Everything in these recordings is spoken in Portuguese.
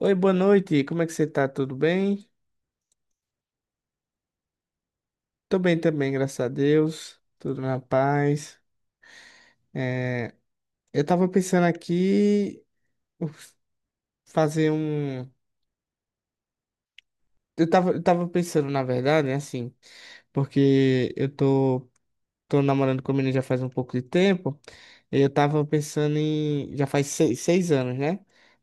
Oi, boa noite. Como é que você tá? Tudo bem? Tô bem também, graças a Deus. Tudo na paz. É, eu tava pensando aqui uf, fazer um. Eu tava pensando, na verdade, né, assim, porque eu tô, tô namorando com a menina já faz um pouco de tempo. E eu tava pensando em. Já faz seis anos, né?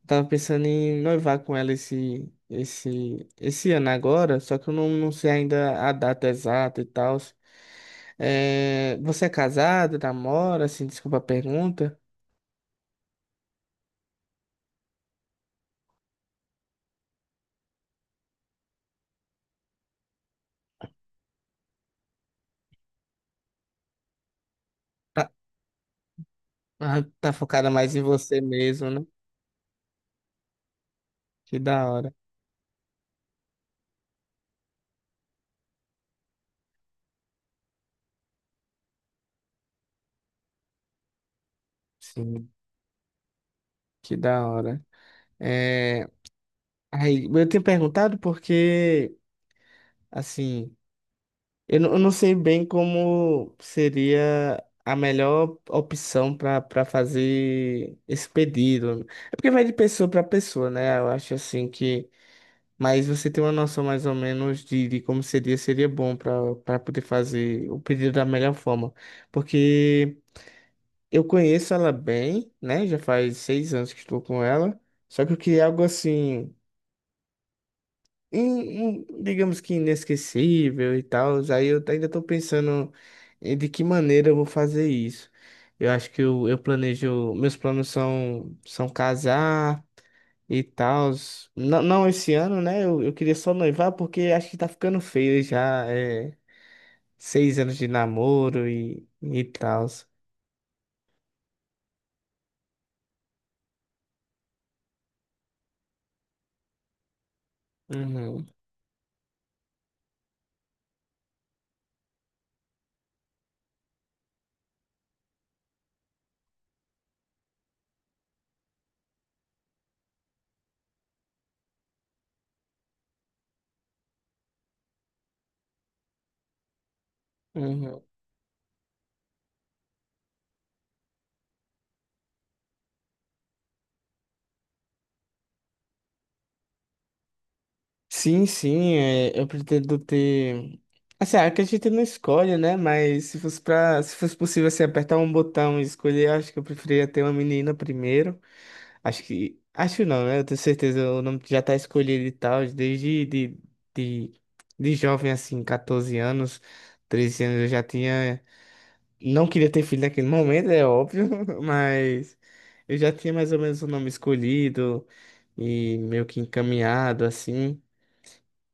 Eu tava pensando em noivar com ela esse ano agora, só que eu não sei ainda a data exata e tal. É, você é casado, namora, assim, desculpa a pergunta. Tá, tá focada mais em você mesmo, né? Que da hora. Sim, que da hora. É, aí, eu tenho perguntado porque, assim, eu não sei bem como seria a melhor opção para para fazer esse pedido. É porque vai de pessoa para pessoa, né? Eu acho assim que mas você tem uma noção mais ou menos de como seria bom para para poder fazer o pedido da melhor forma. Porque eu conheço ela bem, né? Já faz 6 anos que estou com ela. Só que eu queria algo assim, digamos que inesquecível e tal. Aí eu ainda estou pensando em de que maneira eu vou fazer isso. Eu acho que eu planejo, meus planos são casar e tal. Não esse ano, né? Eu queria só noivar porque acho que tá ficando feio já. É, 6 anos de namoro e tal. Uhum, uhum. Sim, sim, é, eu pretendo ter. Assim, ah, que a gente não escolhe, né? Mas se fosse pra, se fosse possível assim, apertar um botão e escolher, eu acho que eu preferia ter uma menina primeiro. Acho que. Acho não, né? Eu tenho certeza, o nome já tá escolhido e tal, desde de, de, jovem, assim, 14 anos, 13 anos, eu já tinha. Não queria ter filho naquele momento, é óbvio, mas eu já tinha mais ou menos o nome escolhido e meio que encaminhado, assim.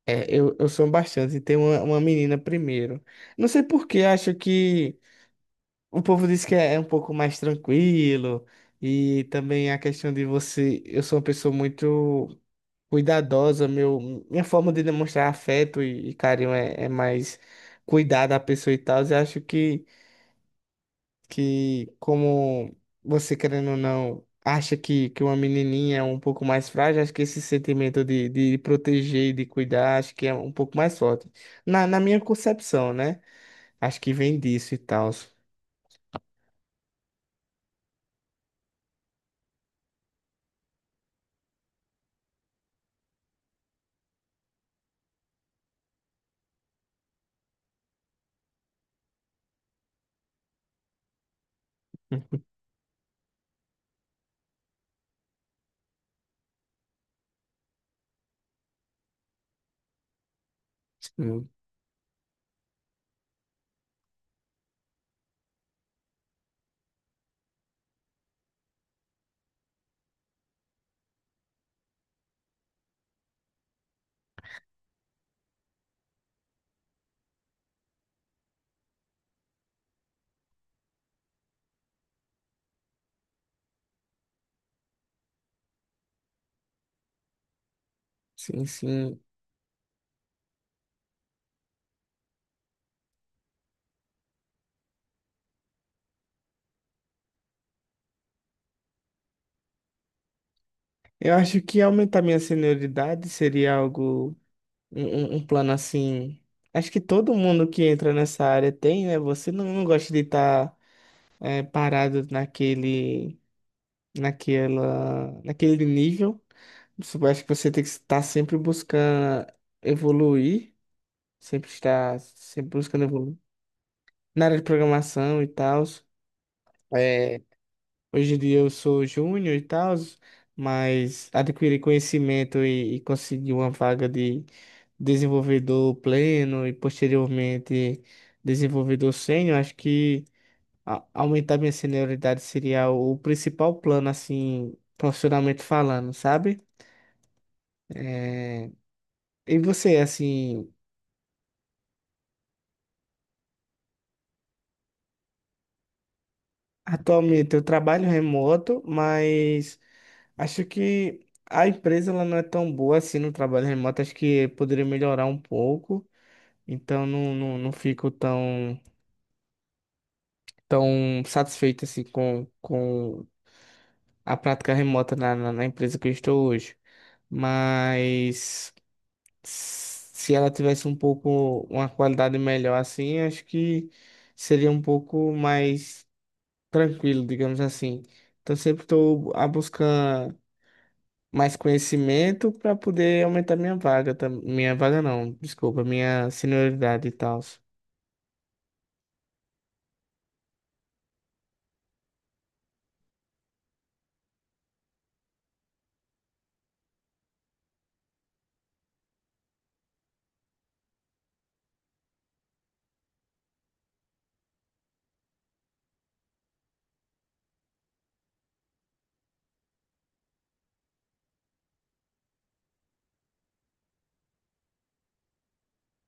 É, eu sou bastante, tem uma menina primeiro. Não sei por que, acho que. O povo diz que é um pouco mais tranquilo e também a questão de você. Eu sou uma pessoa muito cuidadosa, minha forma de demonstrar afeto e carinho é mais cuidar da pessoa e tal. Eu acho que como você querendo ou não acha que uma menininha é um pouco mais frágil, acho que esse sentimento de proteger e de cuidar, acho que é um pouco mais forte. Na minha concepção, né? Acho que vem disso e tal. Sim, sim. Sim. Eu acho que aumentar minha senioridade seria algo, um, um plano assim. Acho que todo mundo que entra nessa área tem, né? Você não gosta de estar parado naquele nível. Acho que você tem que estar sempre buscando evoluir, sempre buscando evoluir na área de programação e tal. Hoje em dia eu sou júnior e tal, mas adquiri conhecimento e consegui uma vaga de desenvolvedor pleno e posteriormente desenvolvedor sênior. Acho que aumentar minha senioridade seria o principal plano, assim, profissionalmente falando, sabe? É, e você, assim, atualmente eu trabalho remoto, mas acho que a empresa ela não é tão boa assim no trabalho remoto. Acho que poderia melhorar um pouco. Então não fico tão, tão satisfeito assim com a prática remota na empresa que eu estou hoje. Mas se ela tivesse um pouco uma qualidade melhor assim, acho que seria um pouco mais tranquilo, digamos assim. Então sempre estou a buscar mais conhecimento para poder aumentar minha vaga não, desculpa, minha senioridade e tal.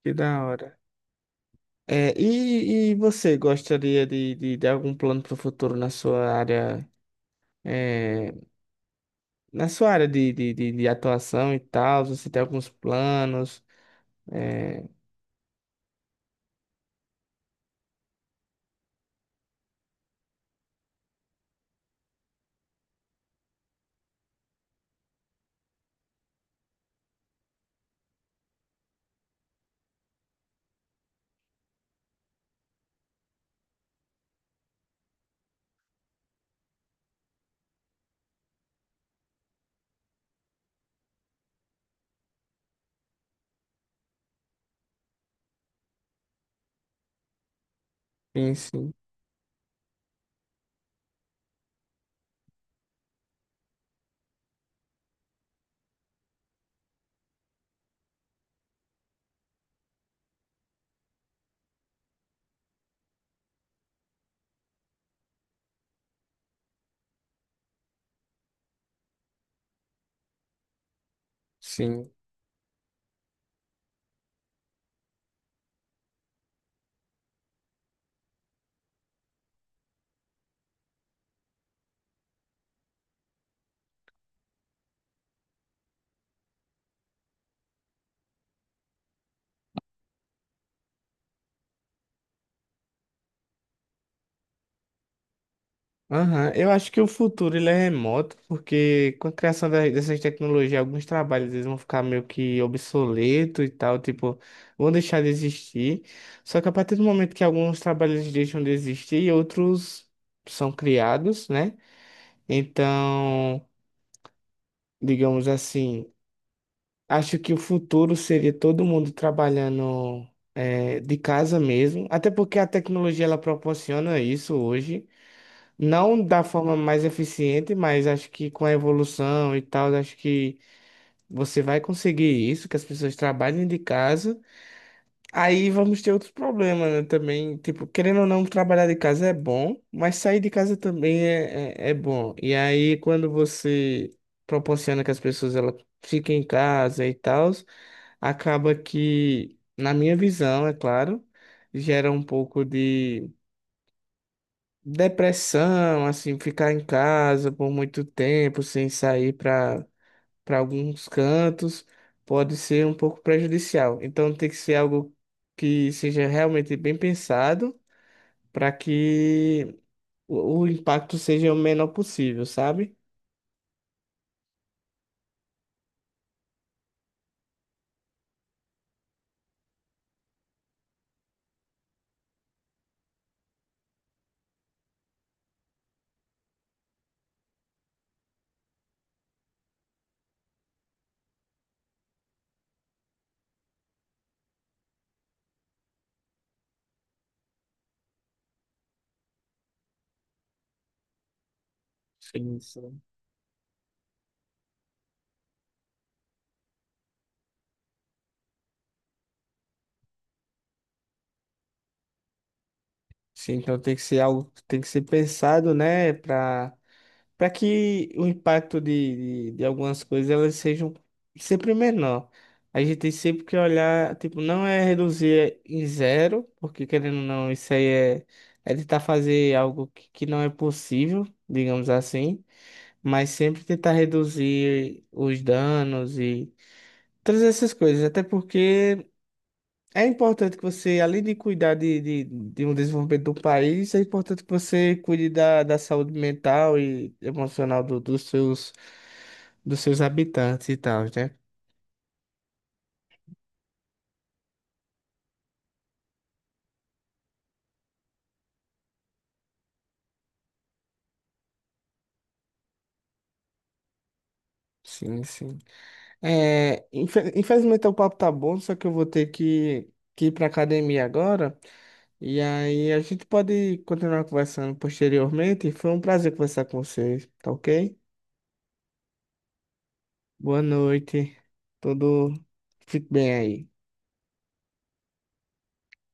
Que da hora. É, e você gostaria de algum plano para o futuro na sua área, é, na sua área de atuação e tal? Você tem alguns planos? É, sim, sim. Sim. Aham. Eu acho que o futuro ele é remoto, porque com a criação dessas tecnologias, alguns trabalhos eles vão ficar meio que obsoleto e tal, tipo, vão deixar de existir. Só que a partir do momento que alguns trabalhos deixam de existir, outros são criados, né? Então digamos assim, acho que o futuro seria todo mundo trabalhando de casa mesmo, até porque a tecnologia ela proporciona isso hoje, não da forma mais eficiente, mas acho que com a evolução e tal, acho que você vai conseguir isso, que as pessoas trabalhem de casa. Aí vamos ter outros problemas, né? Também, tipo, querendo ou não, trabalhar de casa é bom, mas sair de casa também é bom. E aí, quando você proporciona que as pessoas ela fiquem em casa e tal, acaba que, na minha visão, é claro, gera um pouco de depressão, assim, ficar em casa por muito tempo sem sair para para alguns cantos, pode ser um pouco prejudicial. Então tem que ser algo que seja realmente bem pensado para que o impacto seja o menor possível, sabe? Sim, sim. Sim, então tem que ser algo que tem que ser pensado, né, para para que o impacto de algumas coisas elas sejam sempre menor. A gente tem sempre que olhar, tipo, não é reduzir em zero, porque querendo ou não, isso aí é, é tentar fazer algo que não é possível, digamos assim, mas sempre tentar reduzir os danos e todas essas coisas, até porque. É importante que você, além de cuidar de um desenvolvimento do país, é importante que você cuide da, da saúde mental e emocional dos seus habitantes e tal, né? Sim, sim. É, infelizmente o papo tá bom, só que eu vou ter que ir pra academia agora. E aí a gente pode continuar conversando posteriormente. Foi um prazer conversar com vocês, tá ok? Boa noite. Tudo fique bem aí.